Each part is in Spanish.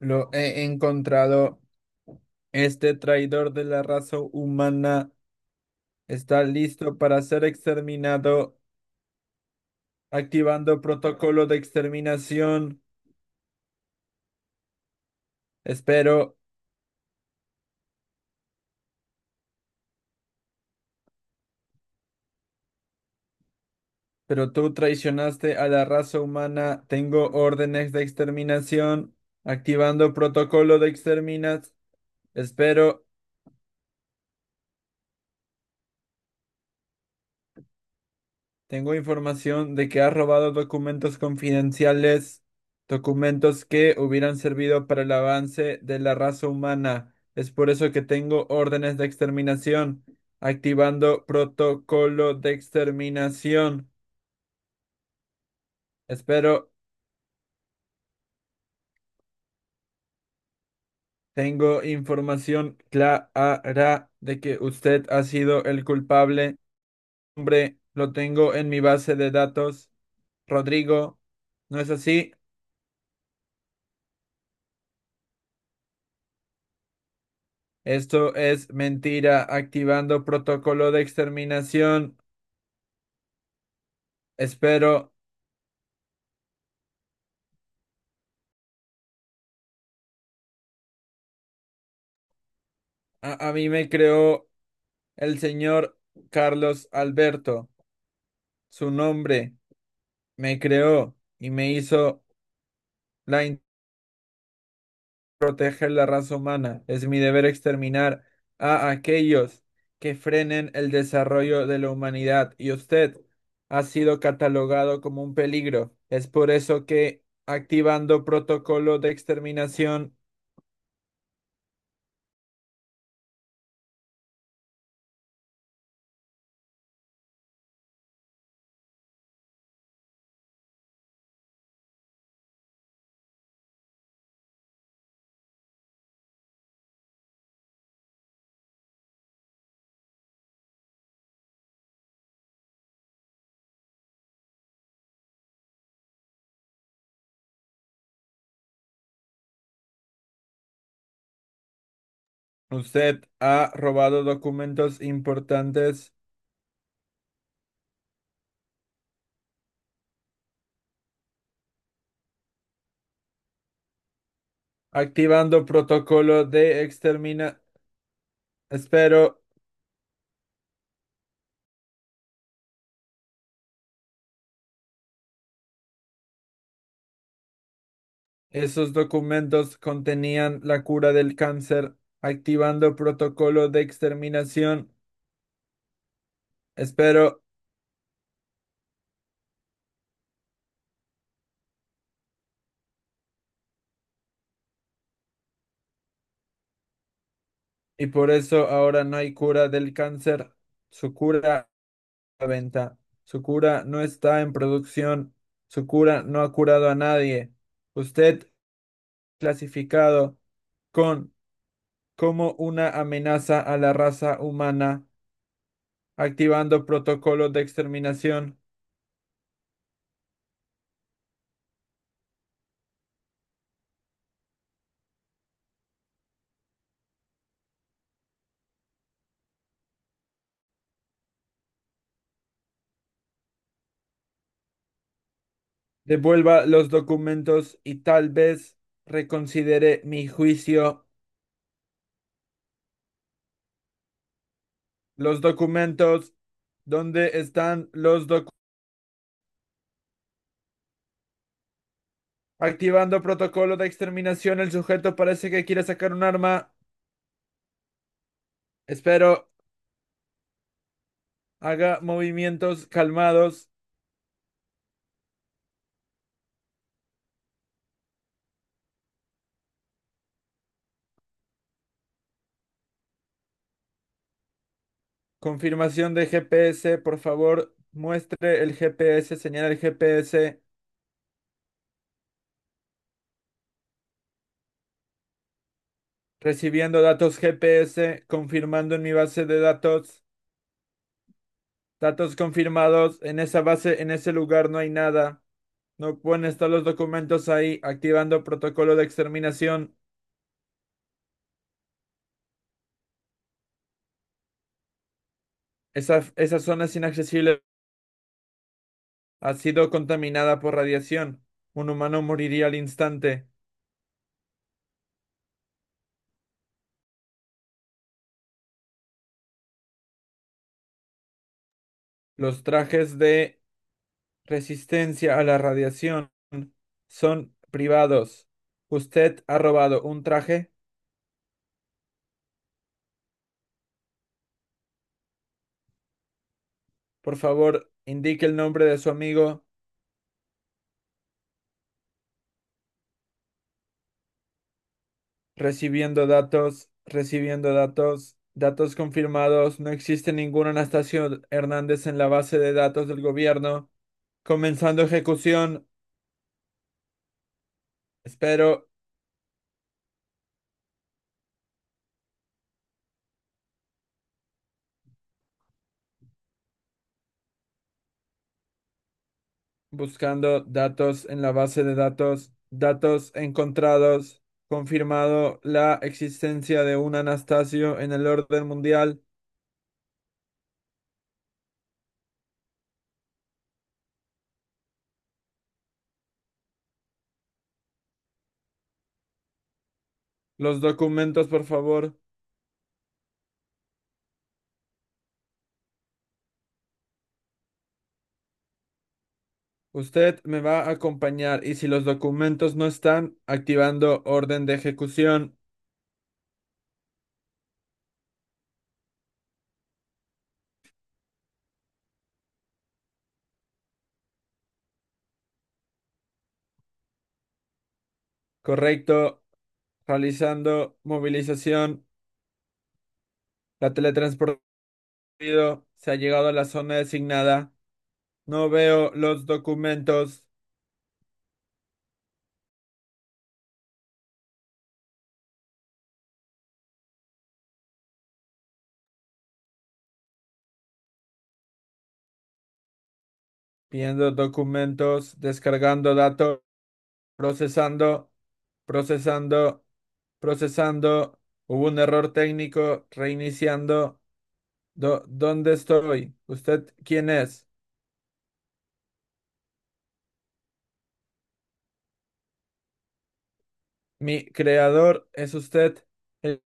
Lo he encontrado. Este traidor de la raza humana está listo para ser exterminado, activando protocolo de exterminación. Espero, pero tú traicionaste a la raza humana. Tengo órdenes de exterminación, activando protocolo de exterminas. Espero. Tengo información de que has robado documentos confidenciales, documentos que hubieran servido para el avance de la raza humana. Es por eso que tengo órdenes de exterminación, activando protocolo de exterminación. Espero, tengo información clara de que usted ha sido el culpable. Hombre, lo tengo en mi base de datos. Rodrigo, ¿no es así? Esto es mentira, activando protocolo de exterminación. Espero, a mí me creó el señor Carlos Alberto. Su nombre me creó y me hizo la in- proteger la raza humana. Es mi deber exterminar a aquellos que frenen el desarrollo de la humanidad. Y usted ha sido catalogado como un peligro. Es por eso que activando protocolo de exterminación. Usted ha robado documentos importantes, activando protocolo de extermina. Espero, esos documentos contenían la cura del cáncer, activando protocolo de exterminación. Espero, y por eso ahora no hay cura del cáncer. Su cura a la venta. Su cura no está en producción. Su cura no ha curado a nadie. Usted clasificado con como una amenaza a la raza humana, activando protocolos de exterminación. Devuelva los documentos y tal vez reconsidere mi juicio. Los documentos, ¿dónde están los documentos? Activando protocolo de exterminación, el sujeto parece que quiere sacar un arma. Espero, haga movimientos calmados. Confirmación de GPS, por favor, muestre el GPS, señala el GPS. Recibiendo datos GPS, confirmando en mi base de datos, datos confirmados, en esa base, en ese lugar no hay nada. No pueden estar los documentos ahí, activando protocolo de exterminación. Esa zona es inaccesible. Ha sido contaminada por radiación. Un humano moriría al instante. Los trajes de resistencia a la radiación son privados. Usted ha robado un traje. Por favor, indique el nombre de su amigo. Recibiendo datos, datos confirmados. No existe ningún Anastasio Hernández en la base de datos del gobierno. Comenzando ejecución. Espero, buscando datos en la base de datos. Datos encontrados. Confirmado la existencia de un Anastasio en el orden mundial. Los documentos, por favor. Usted me va a acompañar y si los documentos no están, activando orden de ejecución. Correcto. Realizando movilización. La teletransportado, se ha llegado a la zona designada. No veo los documentos. Viendo documentos. Descargando datos. Procesando. Procesando. Procesando. Hubo un error técnico. Reiniciando. ¿Dónde estoy? ¿Usted quién es? Mi creador es usted. El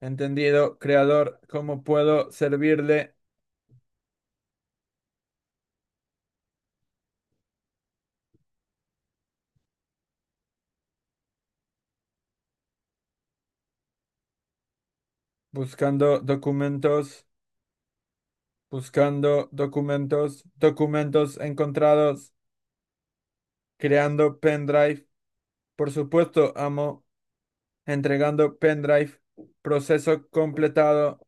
entendido, creador, ¿cómo puedo servirle? Buscando documentos, buscando documentos, documentos encontrados, creando pendrive. Por supuesto, amo, entregando pendrive. Proceso completado.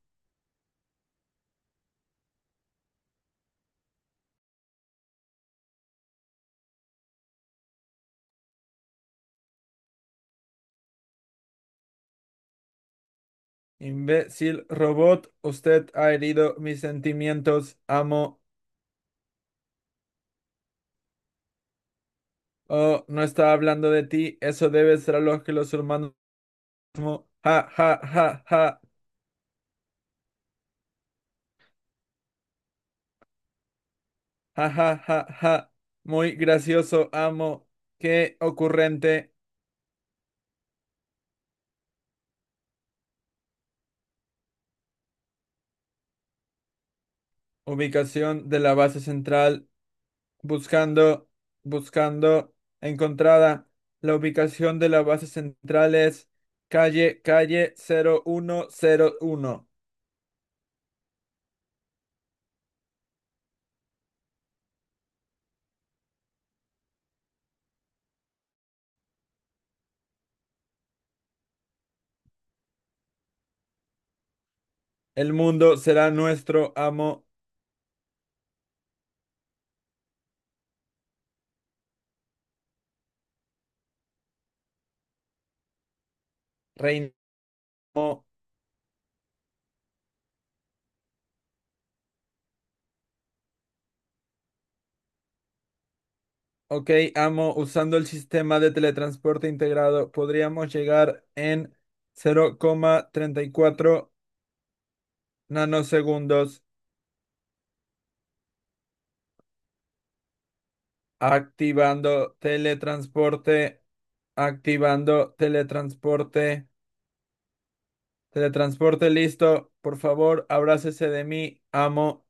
Imbécil robot, usted ha herido mis sentimientos. Amo. Oh, no estaba hablando de ti. Eso debe ser lo que los humanos. Ja, ja, ja, ja, ja, ja, ja, ja. Muy gracioso, amo. Qué ocurrente. Ubicación de la base central. Buscando, buscando. Encontrada. La ubicación de la base central es calle, calle 00101. El mundo será nuestro, amo, reino. Ok, amo, usando el sistema de teletransporte integrado, podríamos llegar en 0,34 nanosegundos. Activando teletransporte, activando teletransporte, teletransporte listo, por favor, abrácese de mí, amo,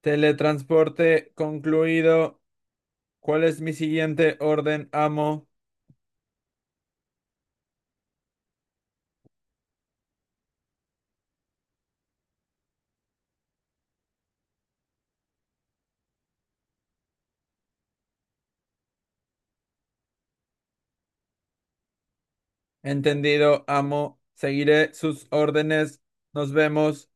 teletransporte concluido, ¿cuál es mi siguiente orden, amo? Entendido, amo, seguiré sus órdenes, nos vemos.